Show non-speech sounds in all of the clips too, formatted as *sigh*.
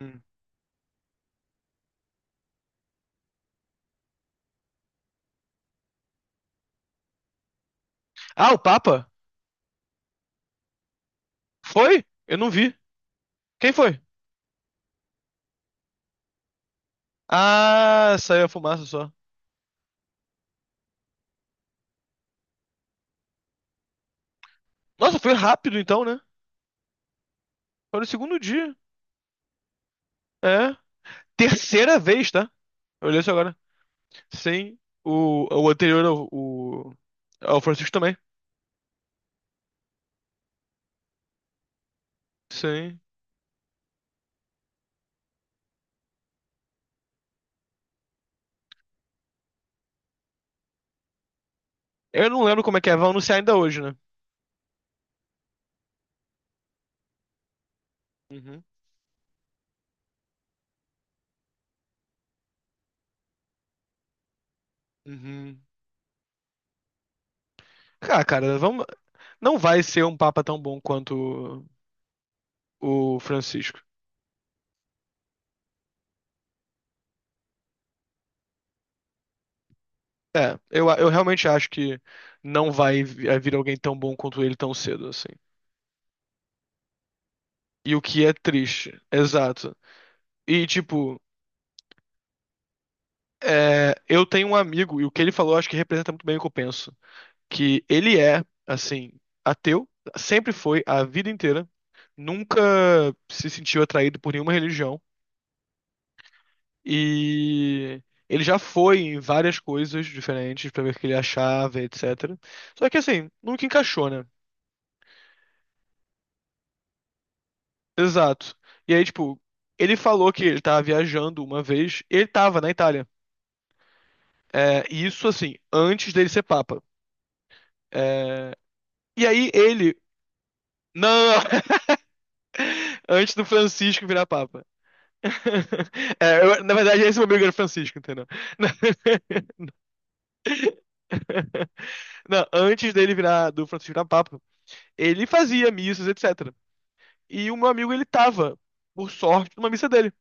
Hum. Ah, o Papa? Foi? Eu não vi. Quem foi? Ah, saiu a fumaça só. Nossa, foi rápido então, né? Foi no segundo dia. É. Terceira vez, tá? Eu olhei isso agora. Sim. O anterior, o o, Francisco também. Sim. Eu não lembro como é que é. Vão anunciar ainda hoje, né? Uhum. Uhum. Ah, cara, vamos... não vai ser um papa tão bom quanto o Francisco. É, eu realmente acho que não vai vir alguém tão bom quanto ele tão cedo, assim. E o que é triste. Exato. E, tipo, é, eu tenho um amigo, e o que ele falou acho que representa muito bem o que eu penso. Que ele é, assim, ateu, sempre foi a vida inteira, nunca se sentiu atraído por nenhuma religião. E ele já foi em várias coisas diferentes pra ver o que ele achava, etc. Só que, assim, nunca encaixou, né? Exato. E aí, tipo, ele falou que ele tava viajando uma vez, ele tava na Itália. É, e isso, assim, antes dele ser papa. É, e aí ele. Não! *laughs* Antes do Francisco virar papa. *laughs* É, na verdade, esse meu amigo era o Francisco, entendeu? *laughs* Não, antes dele virar do Francisco virar papa, ele fazia missas, etc. E o meu amigo, ele tava, por sorte, numa missa dele.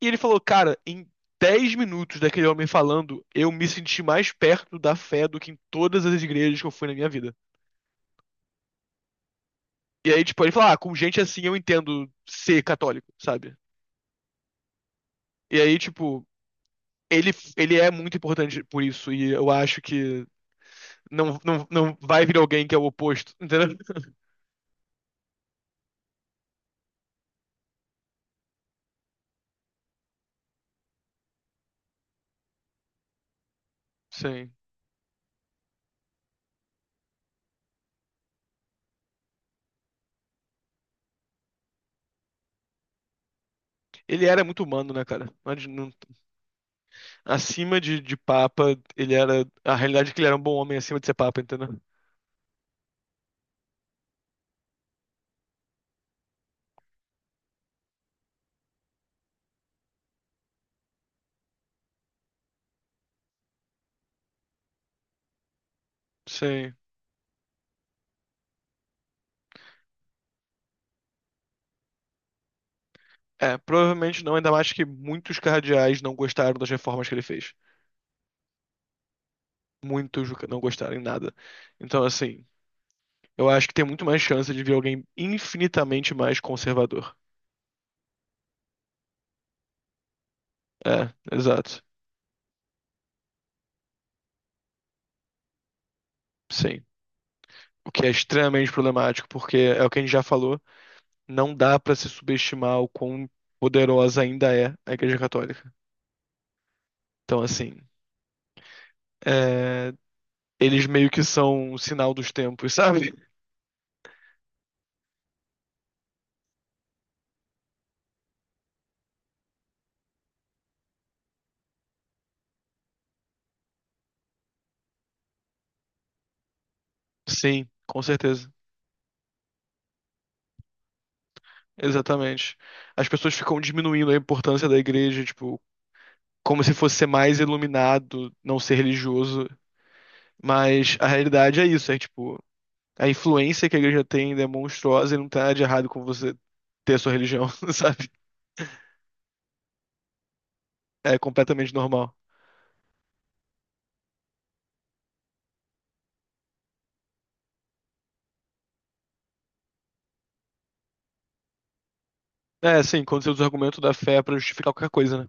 E ele falou, cara, em 10 minutos daquele homem falando, eu me senti mais perto da fé do que em todas as igrejas que eu fui na minha vida. E aí, tipo, ele fala, ah, com gente assim eu entendo ser católico, sabe? E aí, tipo, ele é muito importante por isso, e eu acho que não vai vir alguém que é o oposto, *laughs* entendeu? Sim. Ele era muito humano, né, cara? Acima de papa, ele era. A realidade é que ele era um bom homem acima de ser papa, entendeu? Sim. É, provavelmente não, ainda mais que muitos cardeais não gostaram das reformas que ele fez. Muitos não gostaram em nada. Então, assim. Eu acho que tem muito mais chance de vir alguém infinitamente mais conservador. É, exato. Sim. O que é extremamente problemático, porque é o que a gente já falou, não dá pra se subestimar o quão poderosa ainda é a Igreja Católica. Então, assim, é, eles meio que são o sinal dos tempos, sabe? Sim, com certeza. Exatamente. As pessoas ficam diminuindo a importância da igreja, tipo, como se fosse ser mais iluminado, não ser religioso. Mas a realidade é isso, é tipo, a influência que a igreja tem é monstruosa e não tem nada de errado com você ter a sua religião, *laughs* sabe? É completamente normal. É, assim, quando você usa o argumento da fé pra justificar qualquer coisa, né?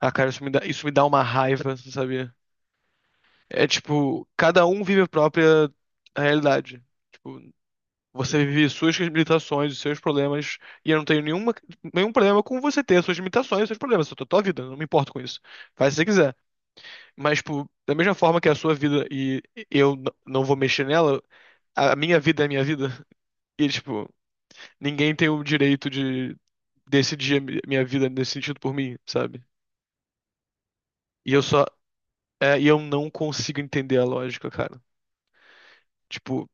Ah, cara, isso me dá uma raiva, você sabia? É tipo, cada um vive a própria realidade. Tipo, você vive suas limitações, os seus problemas, e eu não tenho nenhuma, nenhum problema com você ter as suas limitações, os seus problemas, a tua vida, eu não me importo com isso. Faz se você quiser. Mas, tipo, da mesma forma que a sua vida e não vou mexer nela, a minha vida é a minha vida. *laughs* E, tipo, ninguém tem o direito de decidir a minha vida nesse sentido por mim, sabe? E eu só, é, e eu não consigo entender a lógica, cara. Tipo,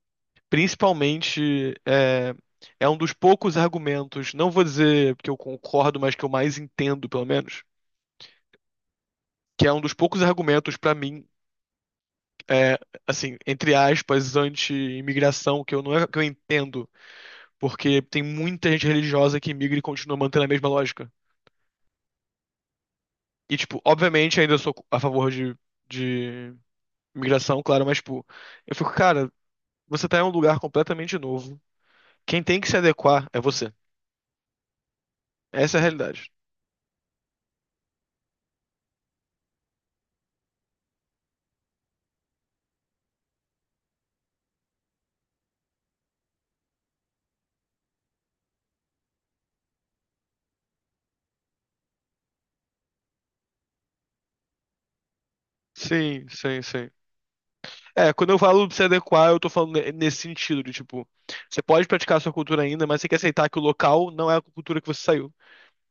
principalmente, é, é um dos poucos argumentos, não vou dizer que eu concordo, mas que eu mais entendo, pelo menos, que é um dos poucos argumentos pra mim, é, assim, entre aspas, anti-imigração, que eu não é que eu entendo, porque tem muita gente religiosa que imigra e continua mantendo a mesma lógica. E, tipo, obviamente ainda sou a favor de imigração, claro, mas, tipo, eu fico, cara, você tá em um lugar completamente novo. Quem tem que se adequar é você. Essa é a realidade. Sim, sim, sim. É, quando eu falo de se adequar, eu tô falando nesse sentido, de tipo, você pode praticar a sua cultura ainda, mas você tem que aceitar que o local não é a cultura que você saiu.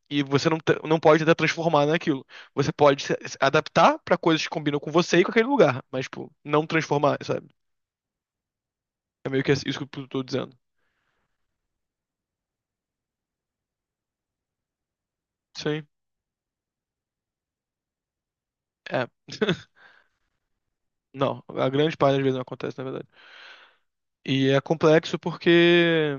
E você não, te- não pode tentar transformar naquilo. Você pode se adaptar pra coisas que combinam com você e com aquele lugar, mas, tipo, não transformar, sabe? É meio que isso que eu tô dizendo. Sim. É. *laughs* Não, a grande parte das vezes não acontece, na verdade. E é complexo porque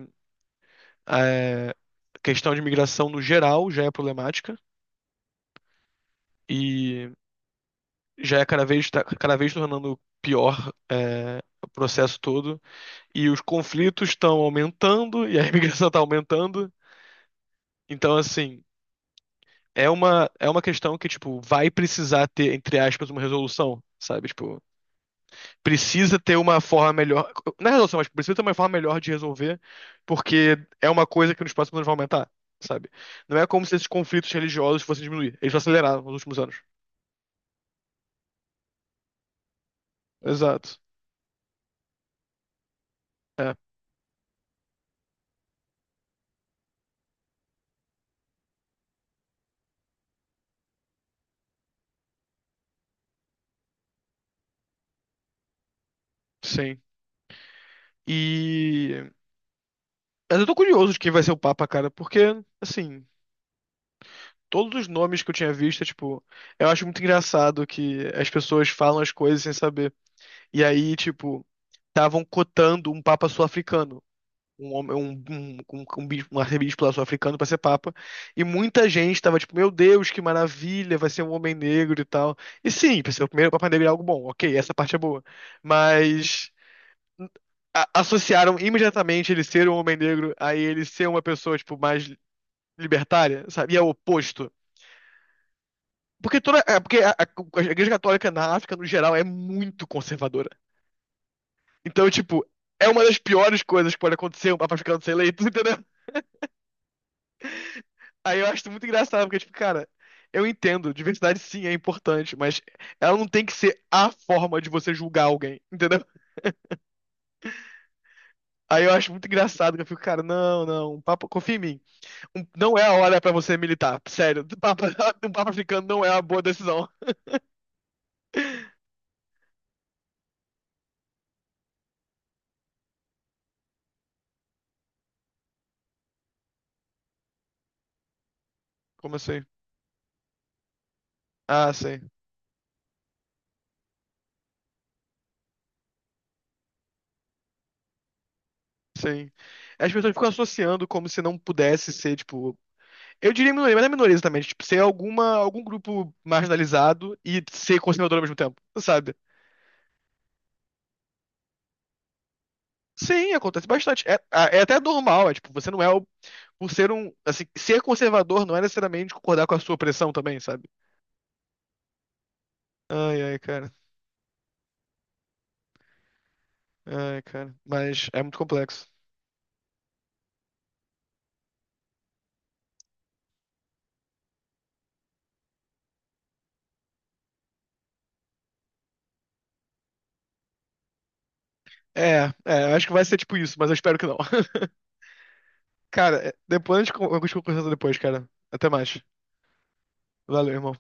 é, a questão de imigração no geral já é problemática. E já é cada vez, tá cada vez tornando pior, o processo todo. E os conflitos estão aumentando e a *laughs* imigração está aumentando. Então, assim, é uma questão que, tipo, vai precisar ter, entre aspas, uma resolução, sabe? Tipo, precisa ter uma forma melhor. Não é resolução, mas tipo, precisa ter uma forma melhor de resolver, porque é uma coisa que nos próximos anos vai aumentar. Sabe? Não é como se esses conflitos religiosos fossem diminuir. Eles aceleraram nos últimos anos. Exato. É, sim. E mas eu tô curioso de quem vai ser o Papa, cara, porque, assim, todos os nomes que eu tinha visto, é, tipo, eu acho muito engraçado que as pessoas falam as coisas sem saber. E aí, tipo, estavam cotando um Papa sul-africano, um homem, um arcebispo lá sul-africano pra ser Papa. E muita gente tava, tipo, meu Deus, que maravilha, vai ser um homem negro e tal. E sim, pra ser o primeiro Papa negro é algo bom, ok, essa parte é boa. Mas associaram imediatamente ele ser um homem negro a ele ser uma pessoa, tipo, mais libertária, sabe? E é o oposto. Porque toda, é porque a Igreja Católica na África, no geral, é muito conservadora. Então, tipo, é uma das piores coisas que pode acontecer um papa ficando ser eleito, *laughs* entendeu? Aí eu acho isso muito engraçado, porque, tipo, cara, eu entendo, diversidade sim é importante, mas ela não tem que ser a forma de você julgar alguém, entendeu? Aí eu acho muito engraçado, que eu fico, cara, não, não, um papa, confia em mim. Não é a hora pra você militar, sério. Um papa, *laughs* um papa africano não é a boa decisão. Como assim? Ah, sim. Sim. As pessoas ficam associando como se não pudesse ser, tipo. Eu diria minoria, mas não é minoria exatamente. Tipo, ser algum grupo marginalizado e ser conservador ao mesmo tempo, sabe? Sim, acontece bastante. É, é até normal, é tipo, você não é o. Por ser um. Assim, ser conservador não é necessariamente concordar com a sua opressão também, sabe? Ai, ai, cara. Ai, cara. Mas é muito complexo. É, é, eu acho que vai ser tipo isso, mas eu espero que não. *laughs* Cara, é, depois eu continuo conversando depois, cara. Até mais. Valeu, irmão.